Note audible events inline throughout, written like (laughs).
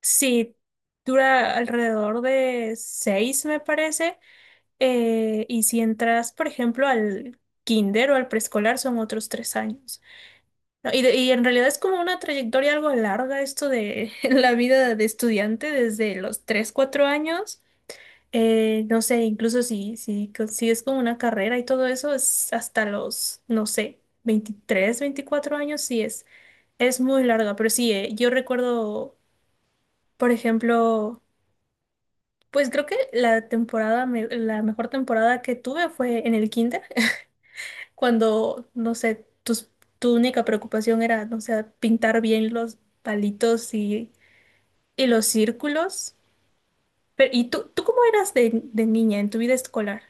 Sí, dura alrededor de 6, me parece. Y si entras, por ejemplo, al kinder o al preescolar, son otros 3 años. No, y en realidad es como una trayectoria algo larga esto de (laughs) la vida de estudiante desde los 3, 4 años. No sé, incluso si consigues con una carrera y todo eso, es hasta los, no sé, 23, 24 años, es muy larga. Pero sí, yo recuerdo, por ejemplo. Pues creo que la temporada, la mejor temporada que tuve fue en el kinder, (laughs) cuando, no sé, tu única preocupación era, no sé, pintar bien los palitos y los círculos. Pero, ¿y tú cómo eras de niña en tu vida escolar?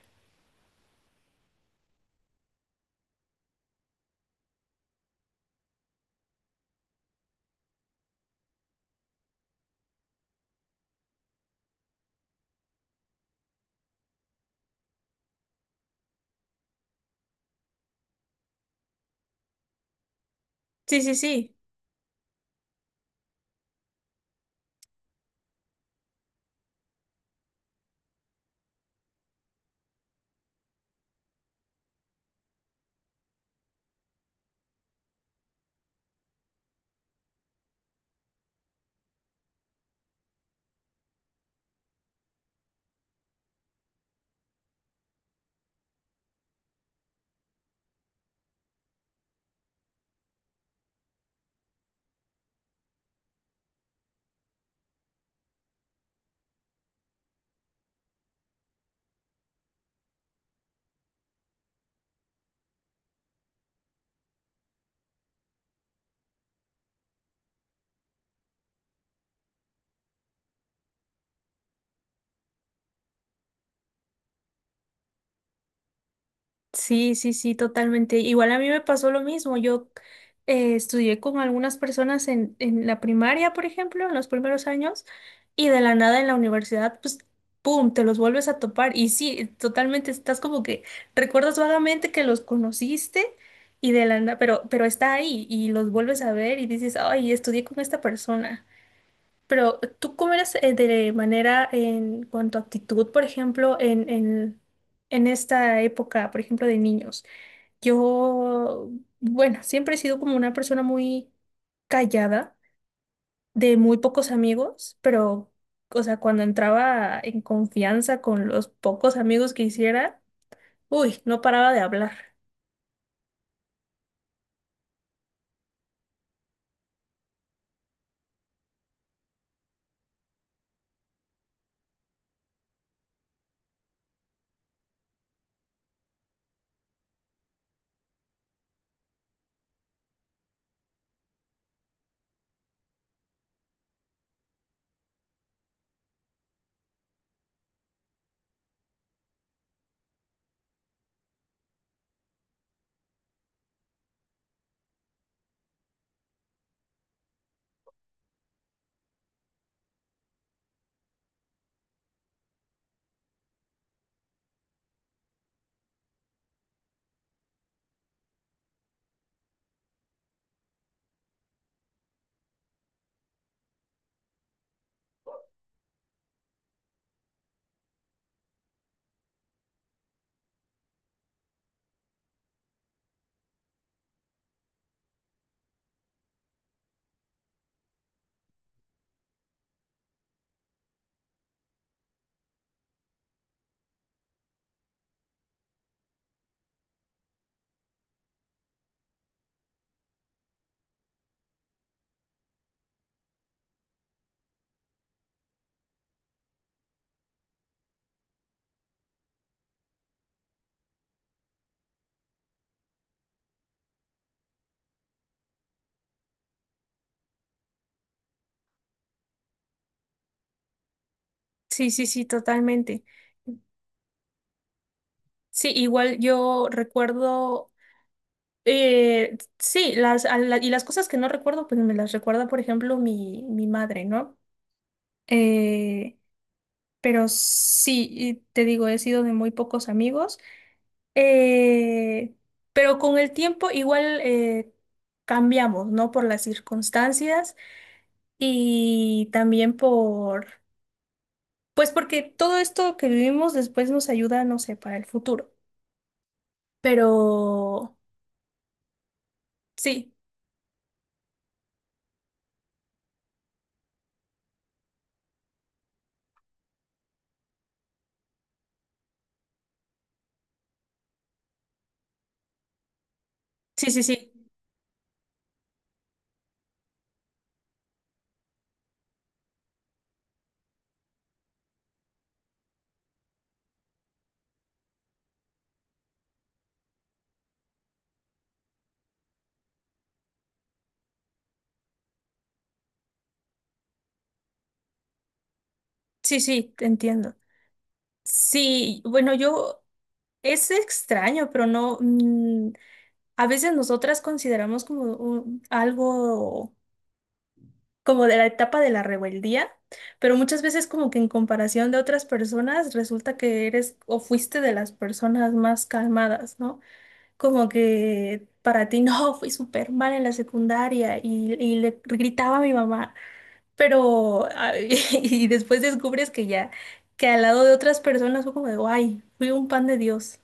Sí, sí, sí. Sí, sí, sí, totalmente. Igual a mí me pasó lo mismo. Yo estudié con algunas personas en la primaria, por ejemplo, en los primeros años, y de la nada en la universidad, pues, ¡pum!, te los vuelves a topar. Y sí, totalmente, estás como que recuerdas vagamente que los conociste y de la nada, pero está ahí y los vuelves a ver y dices, ay, estudié con esta persona. Pero tú cómo eres de manera en cuanto a actitud, por ejemplo, en esta época, por ejemplo, de niños. Yo, bueno, siempre he sido como una persona muy callada, de muy pocos amigos, pero, o sea, cuando entraba en confianza con los pocos amigos que hiciera, uy, no paraba de hablar. Sí, sí, sí, totalmente. Sí, igual yo recuerdo. Sí, y las cosas que no recuerdo, pues me las recuerda, por ejemplo, mi madre, ¿no? Eh, pero sí, y te digo, he sido de muy pocos amigos, eh, pero con el tiempo igual cambiamos, ¿no? Por las circunstancias y también pues porque todo esto que vivimos después nos ayuda, no sé, para el futuro. Pero sí, sí, sí, sí, sí, sí, te entiendo. Sí, bueno, yo es extraño, pero no, a veces nosotras consideramos como algo como de la etapa de la rebeldía, pero muchas veces como que en comparación de otras personas resulta que eres o fuiste de las personas más calmadas, ¿no? Como que para ti (laughs) no, fui súper mal en la secundaria y le gritaba a mi mamá, pero ay, (laughs) y después descubres que ya, que al lado de otras personas fue como de, ay, fui un pan de Dios.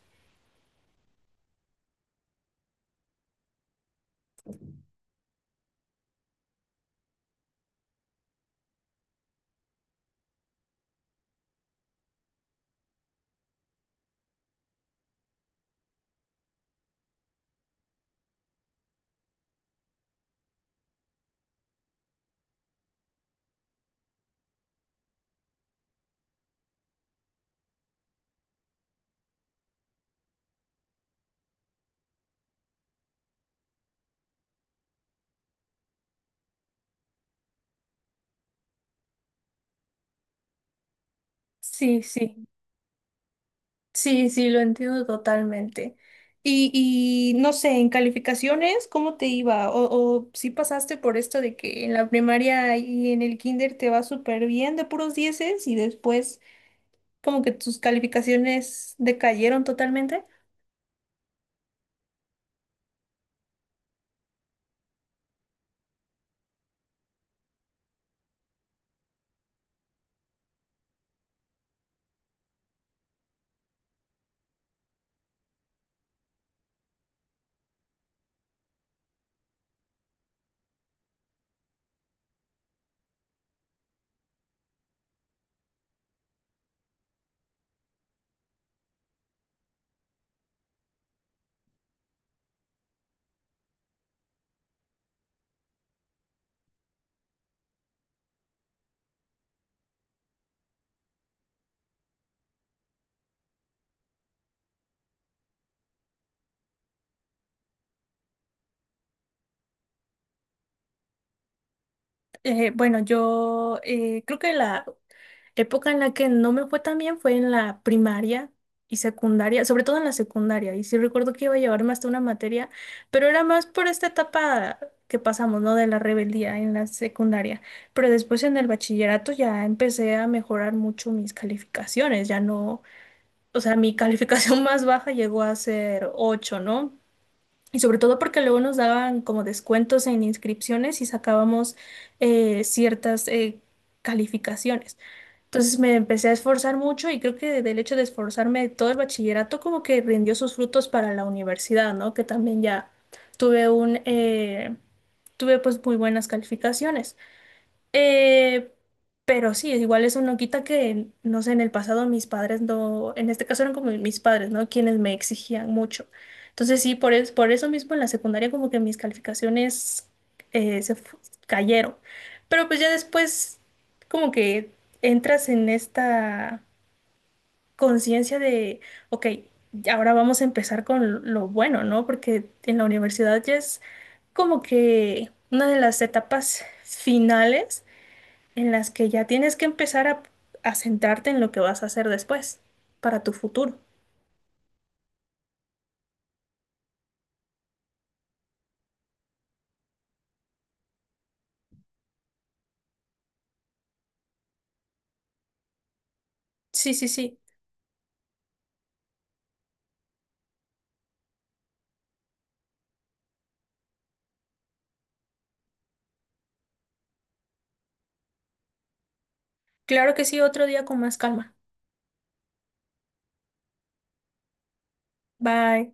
Sí, sí. Sí, sí, lo entiendo totalmente. Y no sé, en calificaciones, ¿cómo te iba? O si pasaste por esto de que en la primaria y en el kinder te va súper bien de puros dieces y después como que tus calificaciones decayeron totalmente. Bueno, yo creo que la época en la que no me fue tan bien fue en la primaria y secundaria, sobre todo en la secundaria. Y sí recuerdo que iba a llevarme hasta una materia, pero era más por esta etapa que pasamos, ¿no? De la rebeldía en la secundaria. Pero después en el bachillerato ya empecé a mejorar mucho mis calificaciones. Ya no, o sea, mi calificación (laughs) más baja llegó a ser 8, ¿no? Y sobre todo porque luego nos daban como descuentos en inscripciones y sacábamos ciertas calificaciones. Entonces me empecé a esforzar mucho y creo que del hecho de esforzarme todo el bachillerato como que rindió sus frutos para la universidad, ¿no? Que también ya tuve un, eh, tuve pues muy buenas calificaciones. Eh, pero sí, es igual eso no quita que, no sé, en el pasado mis padres no, en este caso eran como mis padres, ¿no? Quienes me exigían mucho. Entonces sí, por eso mismo en la secundaria como que mis calificaciones eh, se fu- cayeron. Pero pues ya después como que entras en esta conciencia de, ok, ahora vamos a empezar con lo bueno, ¿no? Porque en la universidad ya es como que una de las etapas finales en las que ya tienes que empezar a centrarte en lo que vas a hacer después, para tu futuro. Sí, sí, sí. Claro que sí, otro día con más calma. Bye.